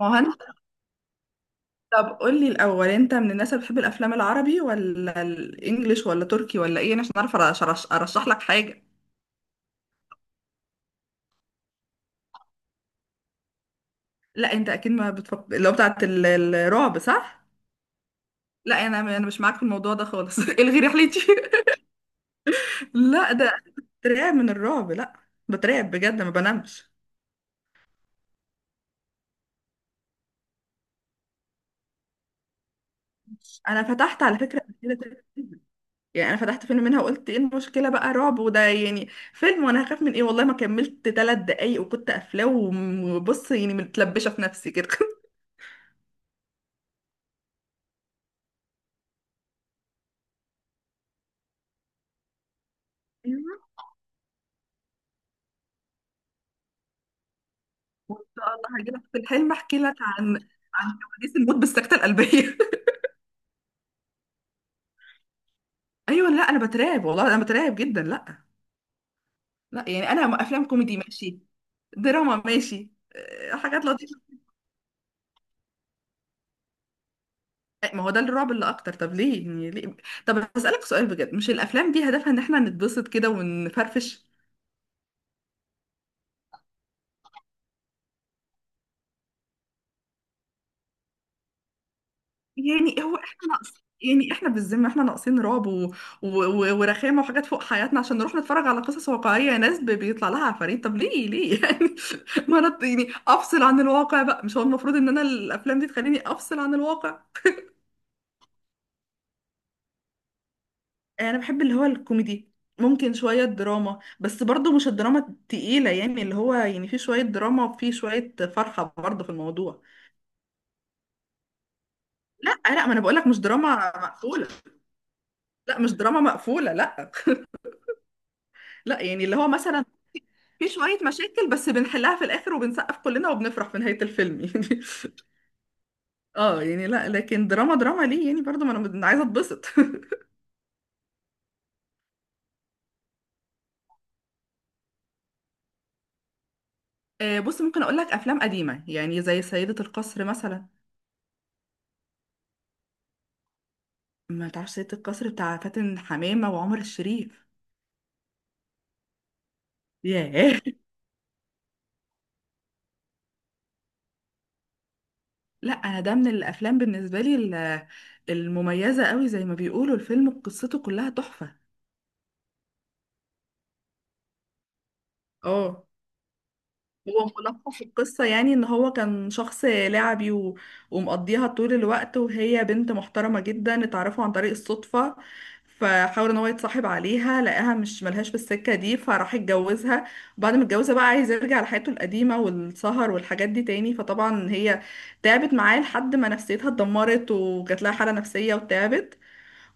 ما هو انت، طب قول لي الاول انت من الناس اللي بتحب الافلام العربي ولا الانجليش ولا تركي ولا ايه عشان اعرف ارشح لك حاجه؟ لا، انت اكيد ما بتفكر اللي هو بتاعت الرعب، صح؟ لا، انا مش معاك في الموضوع ده خالص. الغي رحلتي. لا ده، بترعب من الرعب، لا، بترعب بجد ما بنامش. انا فتحت على فكره قبل كده 3 فيلم. يعني انا فتحت فيلم منها وقلت ايه المشكله بقى، رعب وده يعني فيلم وانا هخاف من ايه، والله ما كملت 3 دقايق وكنت قافلاه وبص يعني متلبشه في نفسي كده. وان شاء الله هجيلك في الحلم احكي لك عن كواليس الموت بالسكته القلبيه. ايوه، لا انا بترعب والله انا بترعب جدا، لا، لا يعني انا افلام كوميدي ماشي، دراما ماشي، حاجات لطيفه. ما هو ده الرعب اللي اكتر، طب ليه، يعني ليه؟ طب هسألك سؤال بجد، مش الافلام دي هدفها ان احنا نتبسط كده ونفرفش؟ يعني هو احنا ناقص؟ يعني احنا بالذمه احنا ناقصين رعب ورخامه وحاجات فوق حياتنا عشان نروح نتفرج على قصص واقعيه يا ناس، بيطلع لها عفاريت، طب ليه ليه؟ يعني ما انا يعني افصل عن الواقع بقى، مش هو المفروض ان انا الافلام دي تخليني افصل عن الواقع؟ انا بحب اللي هو الكوميدي، ممكن شويه دراما بس برضو مش الدراما التقيله، يعني اللي هو يعني في شويه دراما وفي شويه فرحه برضو في الموضوع. لا لا، ما انا بقولك مش دراما مقفوله، لا مش دراما مقفوله، لا، لا يعني اللي هو مثلا في شوية مشاكل بس بنحلها في الآخر وبنسقف كلنا وبنفرح في نهاية الفيلم يعني. اه، يعني لا، لكن دراما دراما ليه يعني؟ برضو ما انا عايزة اتبسط. آه، بص، ممكن اقول لك افلام قديمة يعني زي سيدة القصر مثلا. ما تعرفش سيدة القصر بتاع فاتن حمامة وعمر الشريف؟ ياه. لا انا ده من الافلام بالنسبة لي المميزة قوي، زي ما بيقولوا الفيلم قصته كلها تحفة. اه. هو ملخص القصة يعني ان هو كان شخص لعبي ومقضيها طول الوقت، وهي بنت محترمة جدا اتعرفوا عن طريق الصدفة، فحاول ان هو يتصاحب عليها لقاها مش ملهاش بالسكة دي فراح يتجوزها، وبعد ما اتجوزها بقى عايز يرجع لحياته القديمة والسهر والحاجات دي تاني، فطبعا هي تعبت معاه لحد ما نفسيتها اتدمرت وجات لها حالة نفسية وتعبت،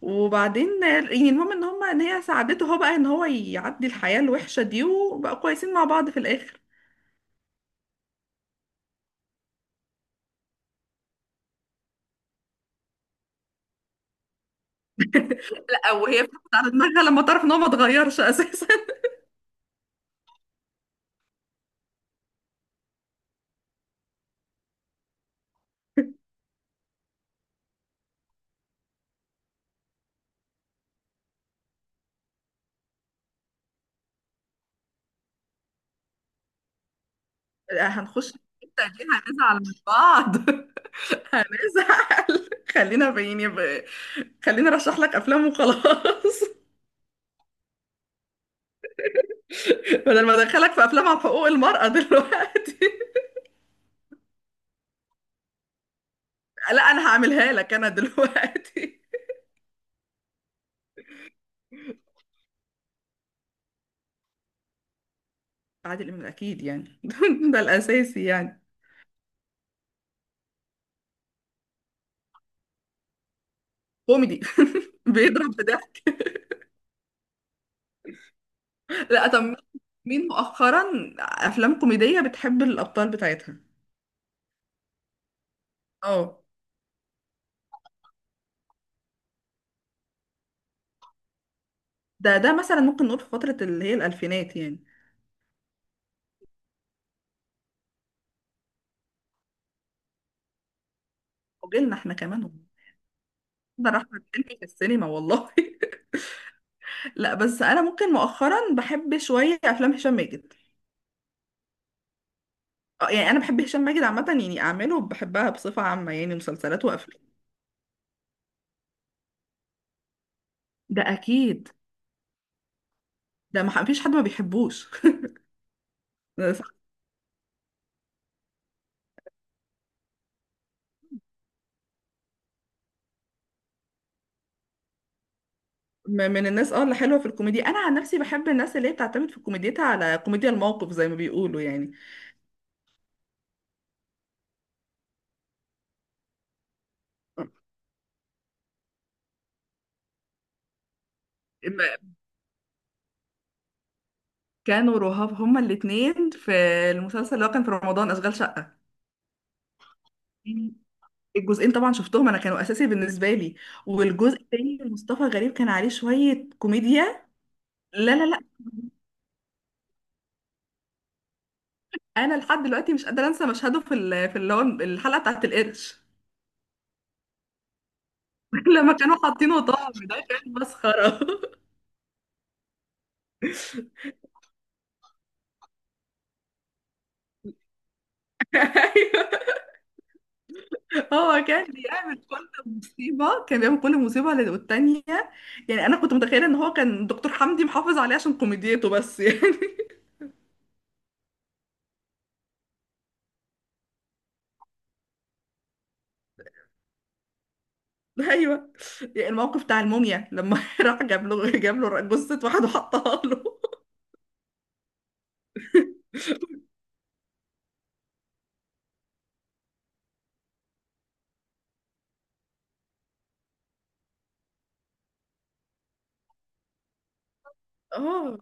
وبعدين يعني المهم ان هما ان هي ساعدته هو بقى ان هو يعدي الحياة الوحشة دي وبقى كويسين مع بعض في الاخر. او هي بتاخد على دماغها لما تعرف ان هو ما اتغيرش اساسا. هنخش في الحته دي هنزعل من بعض. هنزعل. خلينا خليني ارشح لك افلام وخلاص. بدل ما ادخلك في افلام عن حقوق المرأة دلوقتي. لا انا هعملها لك انا دلوقتي. عادل امام اكيد يعني. ده الاساسي يعني. كوميدي. بيضرب بده. لا طب، مين مؤخرا افلام كوميدية بتحب الابطال بتاعتها؟ اه. ده مثلا ممكن نقول في فترة اللي هي الألفينات يعني. وجيلنا احنا كمان والله. ده أحمد حلمي في السينما والله. لا بس أنا ممكن مؤخرا بحب شوية أفلام هشام ماجد. آه، يعني أنا بحب هشام ماجد عامة، يعني أعماله بحبها بصفة عامة، يعني مسلسلات وأفلام. ده أكيد. ده ما فيش حد ما بيحبوش. من الناس اه اللي حلوة في الكوميديا، أنا عن نفسي بحب الناس اللي هي بتعتمد في كوميديتها على كوميديا الموقف زي ما بيقولوا يعني. إما كانوا رهاب هما الاتنين في المسلسل اللي هو كان في رمضان، أشغال شقة. الجزئين طبعا شفتهم انا، كانوا اساسي بالنسبه لي. والجزء التاني مصطفى غريب كان عليه شويه كوميديا. لا لا لا. انا لحد دلوقتي مش قادره انسى مشهده في اللي هو الحلقه بتاعت القرش. لما كانوا حاطينه طعم، ده كان مسخره. ايوه، هو كان بيعمل كل مصيبه والتانيه، يعني انا كنت متخيله ان هو كان دكتور حمدي محافظ عليه عشان كوميديته بس يعني. ايوه، يعني الموقف بتاع الموميا لما راح جاب له جثه واحد وحطها له. اه.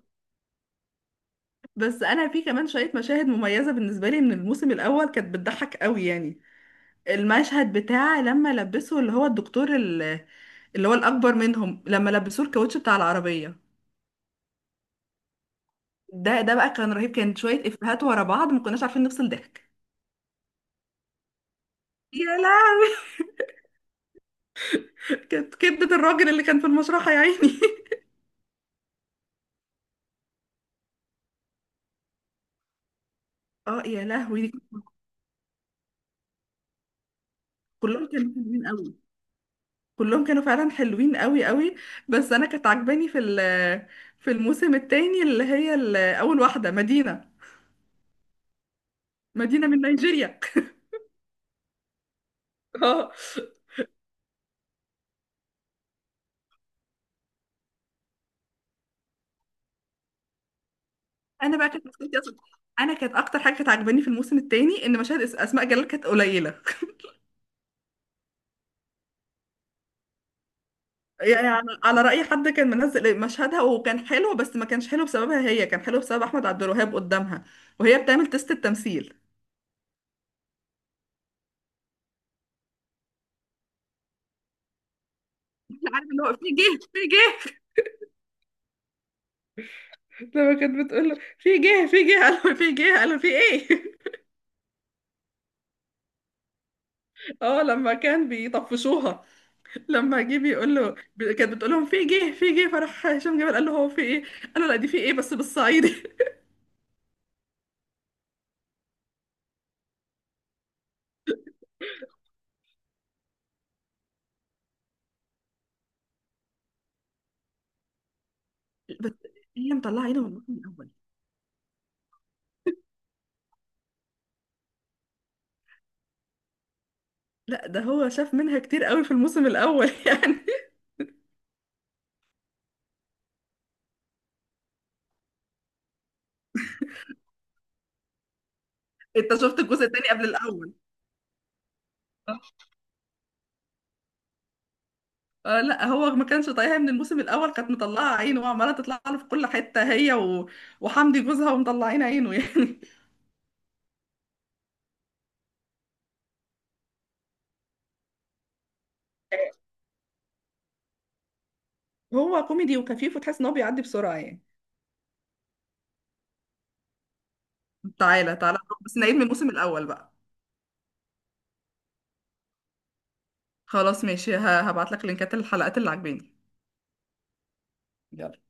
بس انا في كمان شويه مشاهد مميزه بالنسبه لي من الموسم الاول، كانت بتضحك قوي يعني. المشهد بتاع لما لبسوا اللي هو الدكتور اللي هو الاكبر منهم لما لبسوه الكاوتش بتاع العربيه، ده ده بقى كان رهيب، كان شويه افيهات ورا بعض ما كناش عارفين نفصل ضحك. يا لهوي. كانت كبده الراجل اللي كان في المشرحه يا عيني. اه يا لهوي. كلهم كانوا حلوين قوي، كلهم كانوا فعلا حلوين قوي قوي. بس انا كانت عجباني في الموسم التاني اللي هي اول واحده مدينه، مدينة من نيجيريا. اه. انا بقى كانت مشكلتي اصلا، انا كانت اكتر حاجه كانت عاجباني في الموسم الثاني ان مشاهد اسماء جلال كانت قليله. يعني على راي حد كان منزل مشهدها وكان حلو، بس ما كانش حلو بسببها هي، كان حلو بسبب احمد عبد الوهاب قدامها وهي بتعمل تيست التمثيل. عارف اللي هو في جه في جه. لما كانت بتقول له في جه في جه، قالوا في جه قالوا في ايه. اه، لما كان بيطفشوها لما جه بيقول له، كانت بتقول لهم في جه في جه، فراح هشام جبل قال له هو في ايه، قال له لا دي في ايه بس بالصعيدي. بس هي مطلعه عينه من الموسم الاول. لا، ده هو شاف منها كتير قوي في الموسم الاول. يعني انت شفت الجزء التاني قبل الاول؟ آه، لا هو ما كانش طايقها من الموسم الاول، كانت مطلعه عينه وعماله تطلع له في كل حته، هي وحمدي جوزها ومطلعين عينه يعني. هو كوميدي وخفيف وتحس ان هو بيعدي بسرعه يعني. تعالى تعالى، بس نعيد من الموسم الاول بقى. خلاص ماشي، هبعت لك لينكات الحلقات اللي عاجباني. يلا